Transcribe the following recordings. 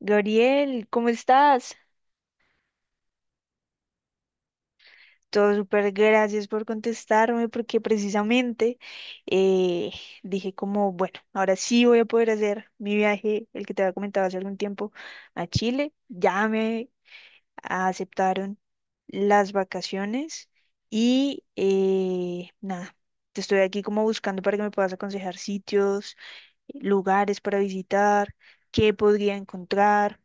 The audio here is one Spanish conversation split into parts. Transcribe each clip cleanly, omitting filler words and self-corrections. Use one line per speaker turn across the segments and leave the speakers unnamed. Gabriel, ¿cómo estás? Todo súper, gracias por contestarme porque precisamente eh, dije como, bueno, ahora sí voy a poder hacer mi viaje, el que te había comentado hace algún tiempo, a Chile. Ya me aceptaron las vacaciones y nada, te estoy aquí como buscando para que me puedas aconsejar sitios, lugares para visitar, qué podría encontrar.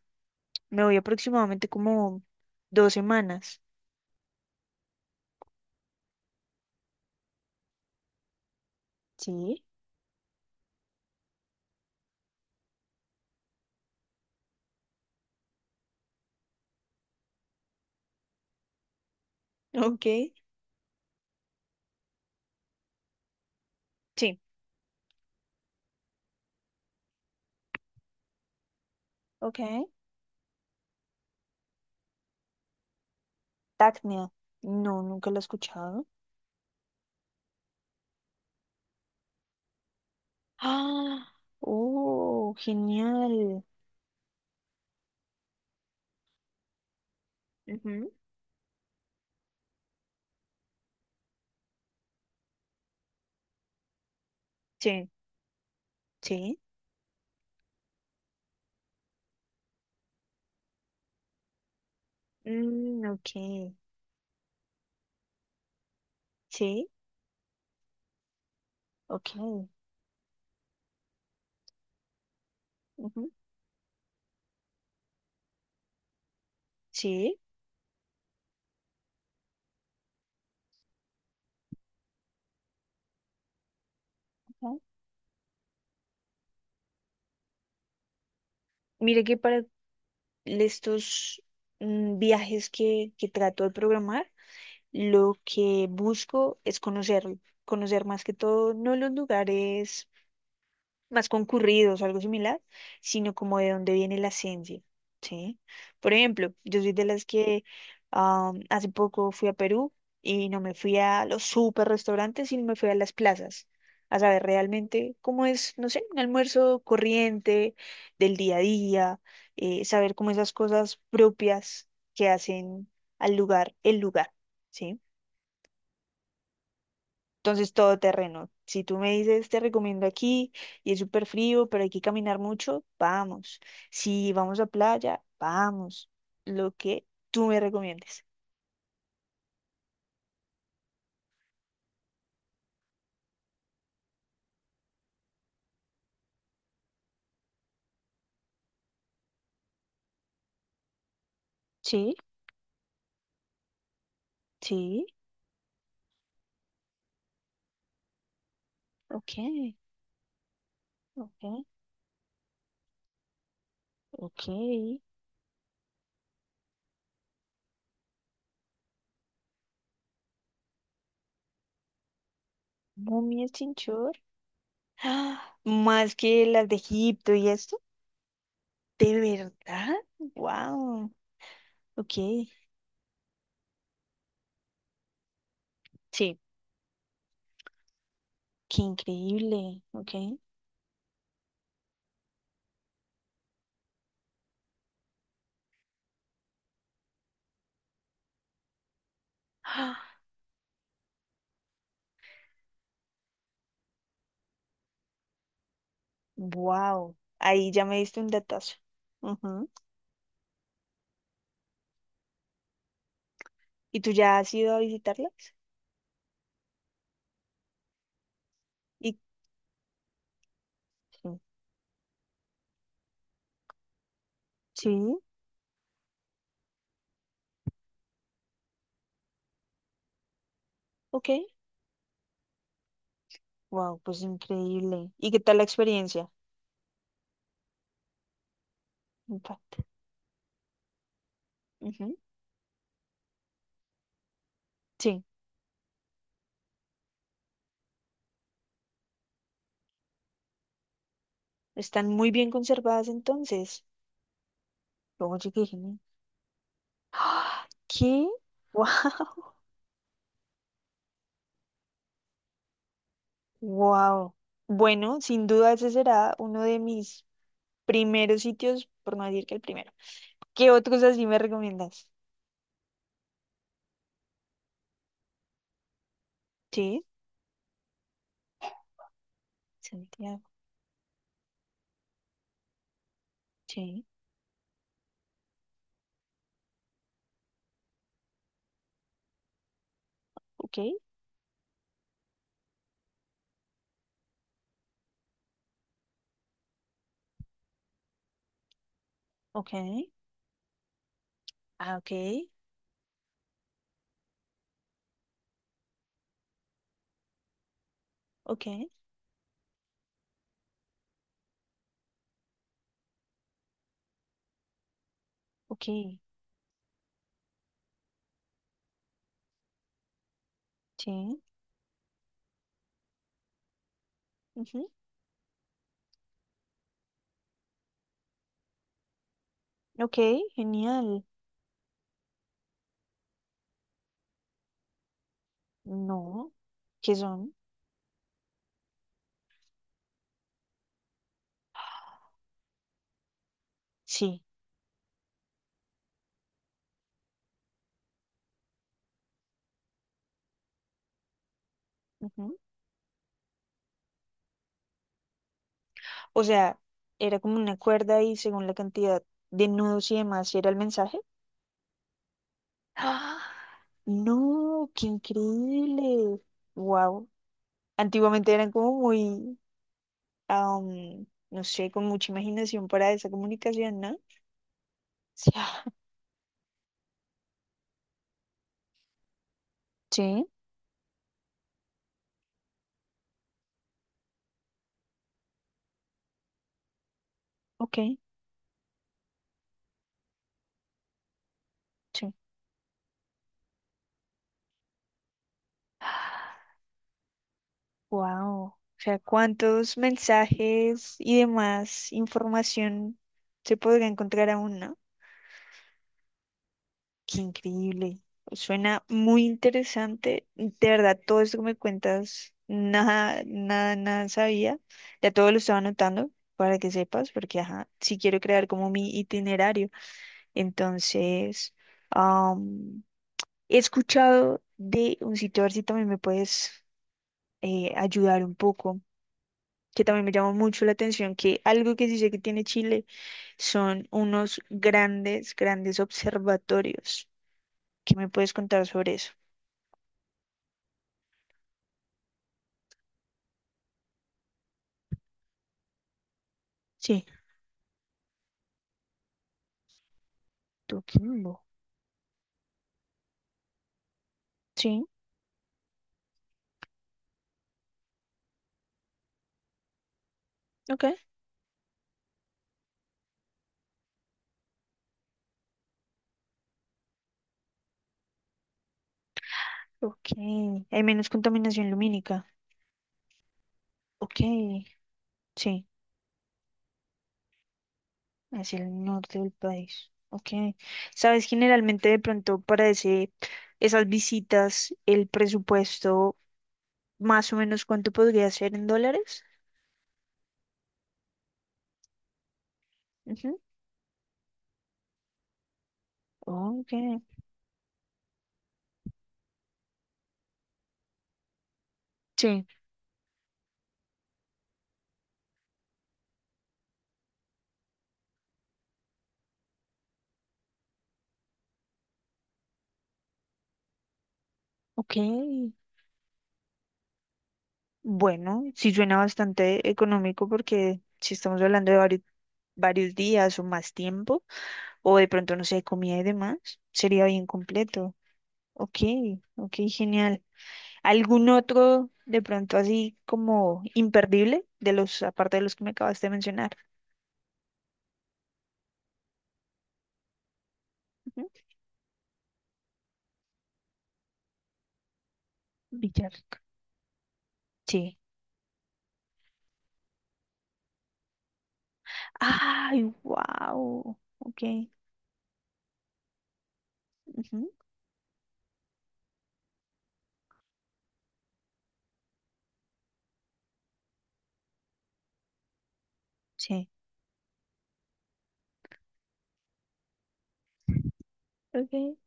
Me voy aproximadamente como 2 semanas. Sí, ok, sí. Ok. Tacnia. No, nunca lo he escuchado. Ah, oh, genial. Ujú, sí. Sí, mm, ok, sí, ok. Ujú, sí. Ok. Mira que para estos viajes que trato de programar, lo que busco es conocer, conocer más que todo, no los lugares más concurridos o algo similar, sino como de dónde viene la esencia, ¿sí? Por ejemplo, yo soy de las que hace poco fui a Perú y no me fui a los super restaurantes, sino me fui a las plazas, a saber realmente cómo es, no sé, un almuerzo corriente del día a día, saber cómo esas cosas propias que hacen al lugar, el lugar, ¿sí? Entonces, todo terreno. Si tú me dices, te recomiendo aquí y es súper frío, pero hay que caminar mucho, vamos. Si vamos a playa, vamos. Lo que tú me recomiendes. Sí, sí, ok, ok, ok. Momia Chinchor. ¡Ah! Más que las de Egipto y esto. ¿De verdad? ¡Wow! Ok, sí, qué increíble, ok. ¡Wow! Ahí ya me diste un datazo. Ujú. ¿Y tú ya has ido a visitarlas? ¿Y sí? Sí, ok. Wow, pues increíble. ¿Y qué tal la experiencia? En parte. Ujú, sí, están muy bien conservadas entonces. Oye, qué genial. ¡Ah! ¿Qué? Wow. Wow. Bueno, sin duda ese será uno de mis primeros sitios, por no decir que el primero. ¿Qué otros así me recomiendas? Sí, Santiago. Sí, ok, ok. Ah, ok, ok, ok. Sí. Ujú. Ok, genial. No, ¿qué son? Sí. Ujú. O sea, era como una cuerda y según la cantidad de nudos y demás, ¿sí? Era el mensaje. ¡Ah! No, qué increíble. Wow. Antiguamente eran como muy, no sé, con mucha imaginación para esa comunicación, ¿no? Sí. Sí, ok, sí. Wow. O sea, ¿cuántos mensajes y demás información se podría encontrar aún, no? Qué increíble. Suena muy interesante. De verdad, todo esto que me cuentas, nada, nada, nada sabía. Ya todo lo estaba anotando para que sepas, porque ajá, sí quiero crear como mi itinerario. Entonces, am, he escuchado de un sitio, a ver si también me puedes ayudar un poco que también me llamó mucho la atención, que algo que sí sé que tiene Chile son unos grandes, grandes observatorios. ¿Qué me puedes contar sobre eso? Sí, Coquimbo. Sí, ok. Ok. Hay menos contaminación lumínica. Ok. Sí, hacia el norte del país. Ok. Sabes, generalmente de pronto para esas visitas, el presupuesto, más o menos ¿cuánto podría ser en dólares? Ujú. Ok. Sí, ok. Bueno, sí suena bastante económico porque si estamos hablando de varios, varios días o más tiempo, o de pronto, no sé, comida y demás, sería bien completo. Ok, ok, genial. ¿Algún otro de pronto así como imperdible de los, aparte de los que me acabaste de mencionar? Ujú. Villarrica. Sí. Ay, wow. Ok. Ujú, sí. Ok.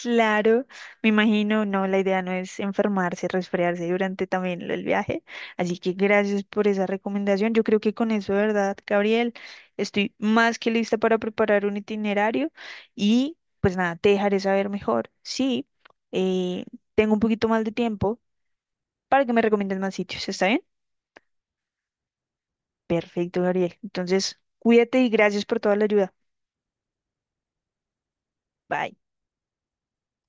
Claro, me imagino, no, la idea no es enfermarse, resfriarse durante también el viaje. Así que gracias por esa recomendación. Yo creo que con eso, ¿verdad, Gabriel? Estoy más que lista para preparar un itinerario y pues nada, te dejaré saber mejor. Sí, eh, tengo un poquito más de tiempo para que me recomiendes más sitios, ¿está bien? Perfecto, Gabriel. Entonces, cuídate y gracias por toda la ayuda. Bye.